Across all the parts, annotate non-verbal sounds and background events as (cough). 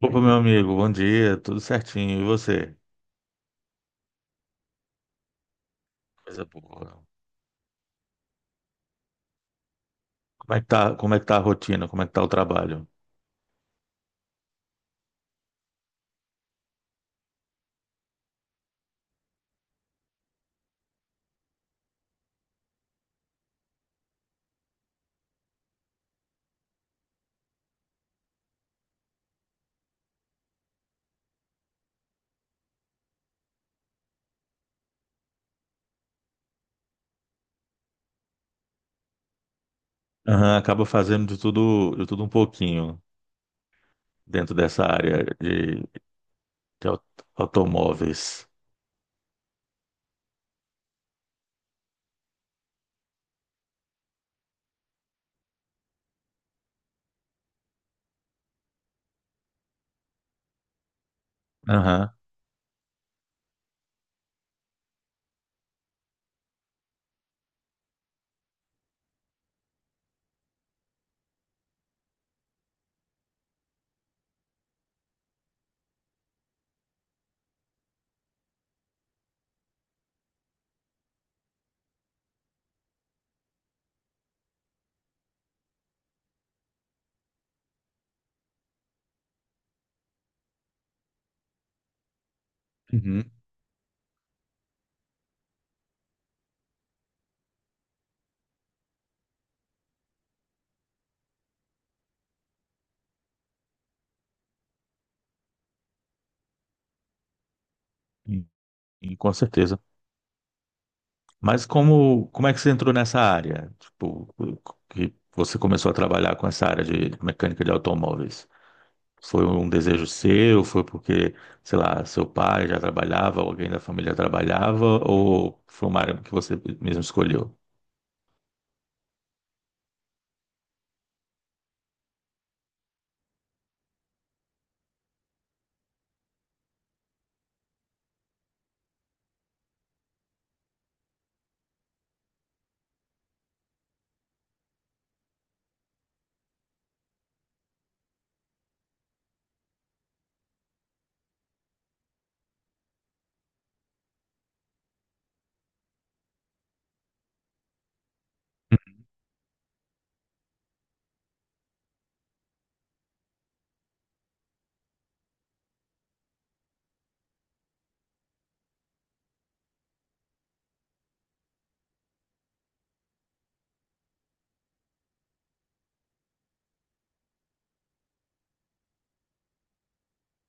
Opa, meu amigo, bom dia, tudo certinho. E você? Coisa boa. Como é que tá a rotina? Como é que tá o trabalho? Aham, acaba fazendo de tudo um pouquinho dentro dessa área de automóveis. Aham. Uhum. Sim, sim, com certeza. Mas como é que você entrou nessa área? Tipo, que você começou a trabalhar com essa área de mecânica de automóveis? Foi um desejo seu? Foi porque, sei lá, seu pai já trabalhava, alguém da família trabalhava, ou foi uma área que você mesmo escolheu?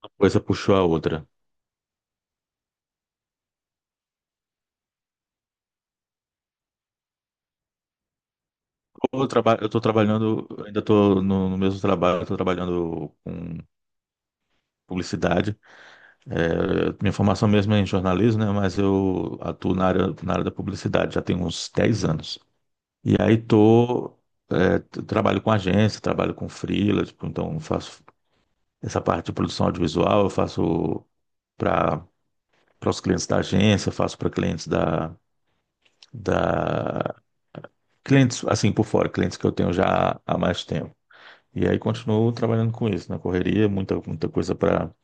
Uma coisa puxou a outra. Ou, eu estou trabalhando, ainda estou no mesmo trabalho, estou trabalhando com publicidade. É, minha formação mesmo é em jornalismo, né? Mas eu atuo na área da publicidade já tem uns 10 anos. E aí tô, é, trabalho com agência, trabalho com freela, tipo, então faço essa parte de produção audiovisual. Eu faço para para os clientes da agência, eu faço para clientes da. Clientes, assim, por fora, clientes que eu tenho já há mais tempo. E aí continuo trabalhando com isso, na correria, muita, muita coisa para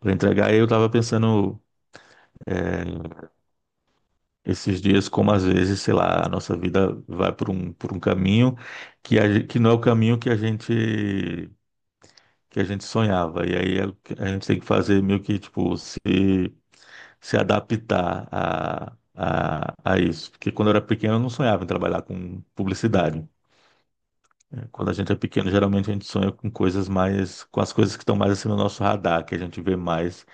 para entregar. E eu estava pensando é, esses dias como às vezes, sei lá, a nossa vida vai por um caminho que que não é o caminho que a gente sonhava. E aí a gente tem que fazer meio que tipo se adaptar a isso. Porque quando eu era pequeno, eu não sonhava em trabalhar com publicidade. É, quando a gente é pequeno, geralmente a gente sonha com coisas mais, com as coisas que estão mais assim no nosso radar, que a gente vê mais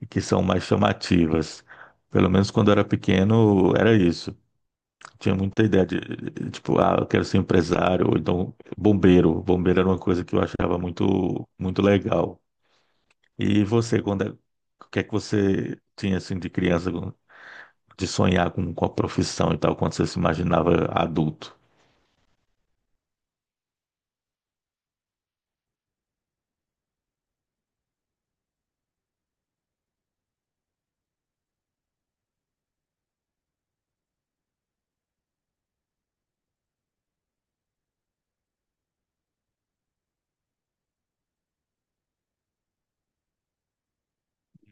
e que são mais chamativas. Pelo menos quando eu era pequeno, era isso. Tinha muita ideia de, tipo, ah, eu quero ser empresário, ou então bombeiro. Bombeiro era uma coisa que eu achava muito, muito legal. E você, o que é que você tinha assim de criança? De sonhar com a profissão e tal, quando você se imaginava adulto.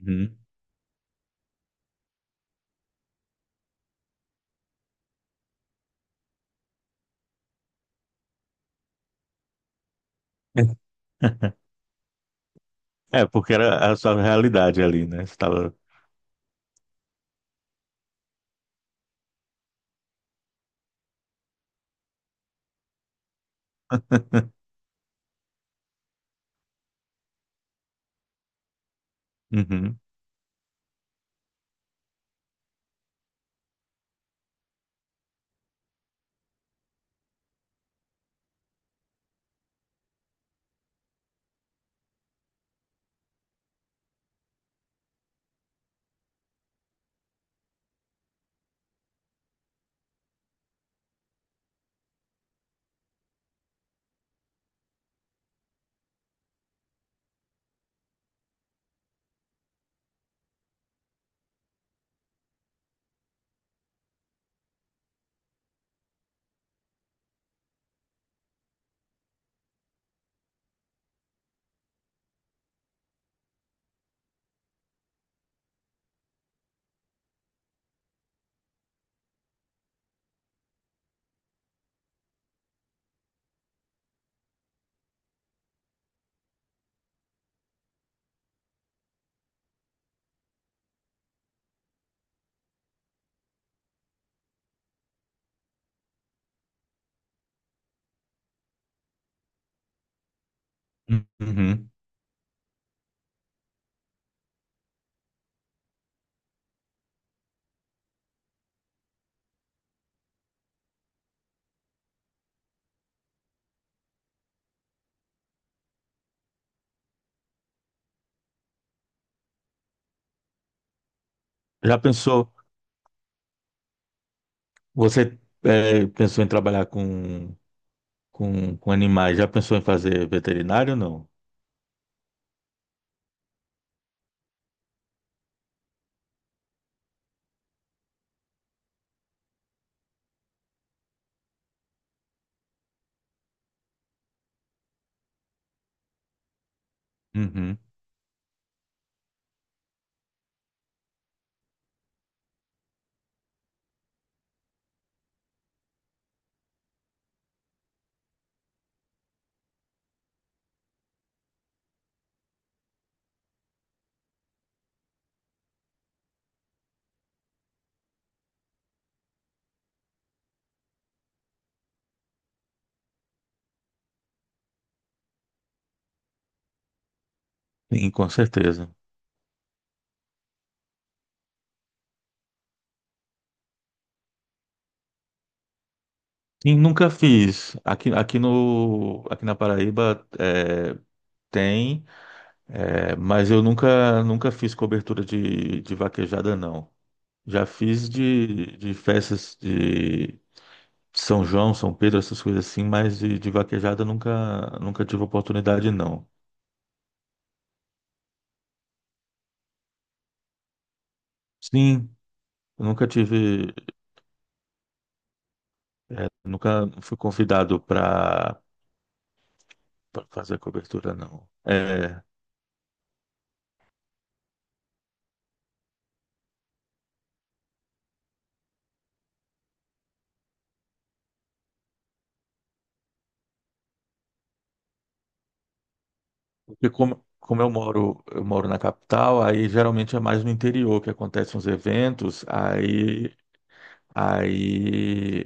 Uhum. (laughs) É, porque era a sua realidade ali, né? Você estava. (laughs) Uhum, uhum. Já pensou, você, pensou em trabalhar com animais, já pensou em fazer veterinário ou não? Uhum. Sim, com certeza. Sim, nunca fiz. Aqui, aqui, no, aqui na Paraíba tem, mas eu nunca fiz cobertura de vaquejada, não. Já fiz de festas de São João, São Pedro, essas coisas assim, mas de vaquejada nunca tive oportunidade, não. Sim, eu nunca tive, nunca fui convidado para fazer a cobertura, não. É, porque como eu moro, na capital, aí geralmente é mais no interior que acontecem os eventos, aí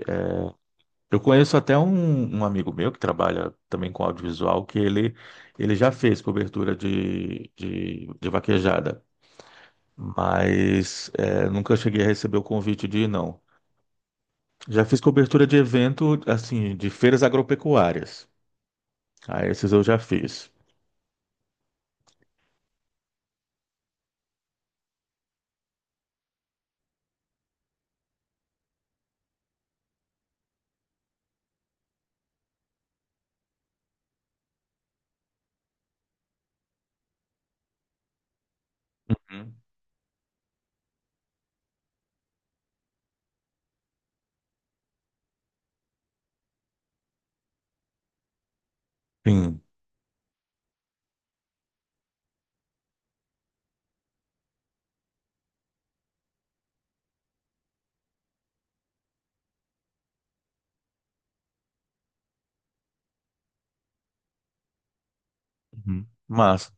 eu conheço até um amigo meu que trabalha também com audiovisual, que ele já fez cobertura de vaquejada, mas nunca cheguei a receber o convite de ir, não. Já fiz cobertura de evento, assim, de feiras agropecuárias. Ah, esses eu já fiz. Hum. Sim. Uhum. Mas,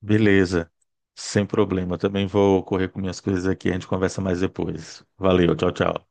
beleza. Sem problema. Também vou correr com minhas coisas aqui. A gente conversa mais depois. Valeu, tchau, tchau.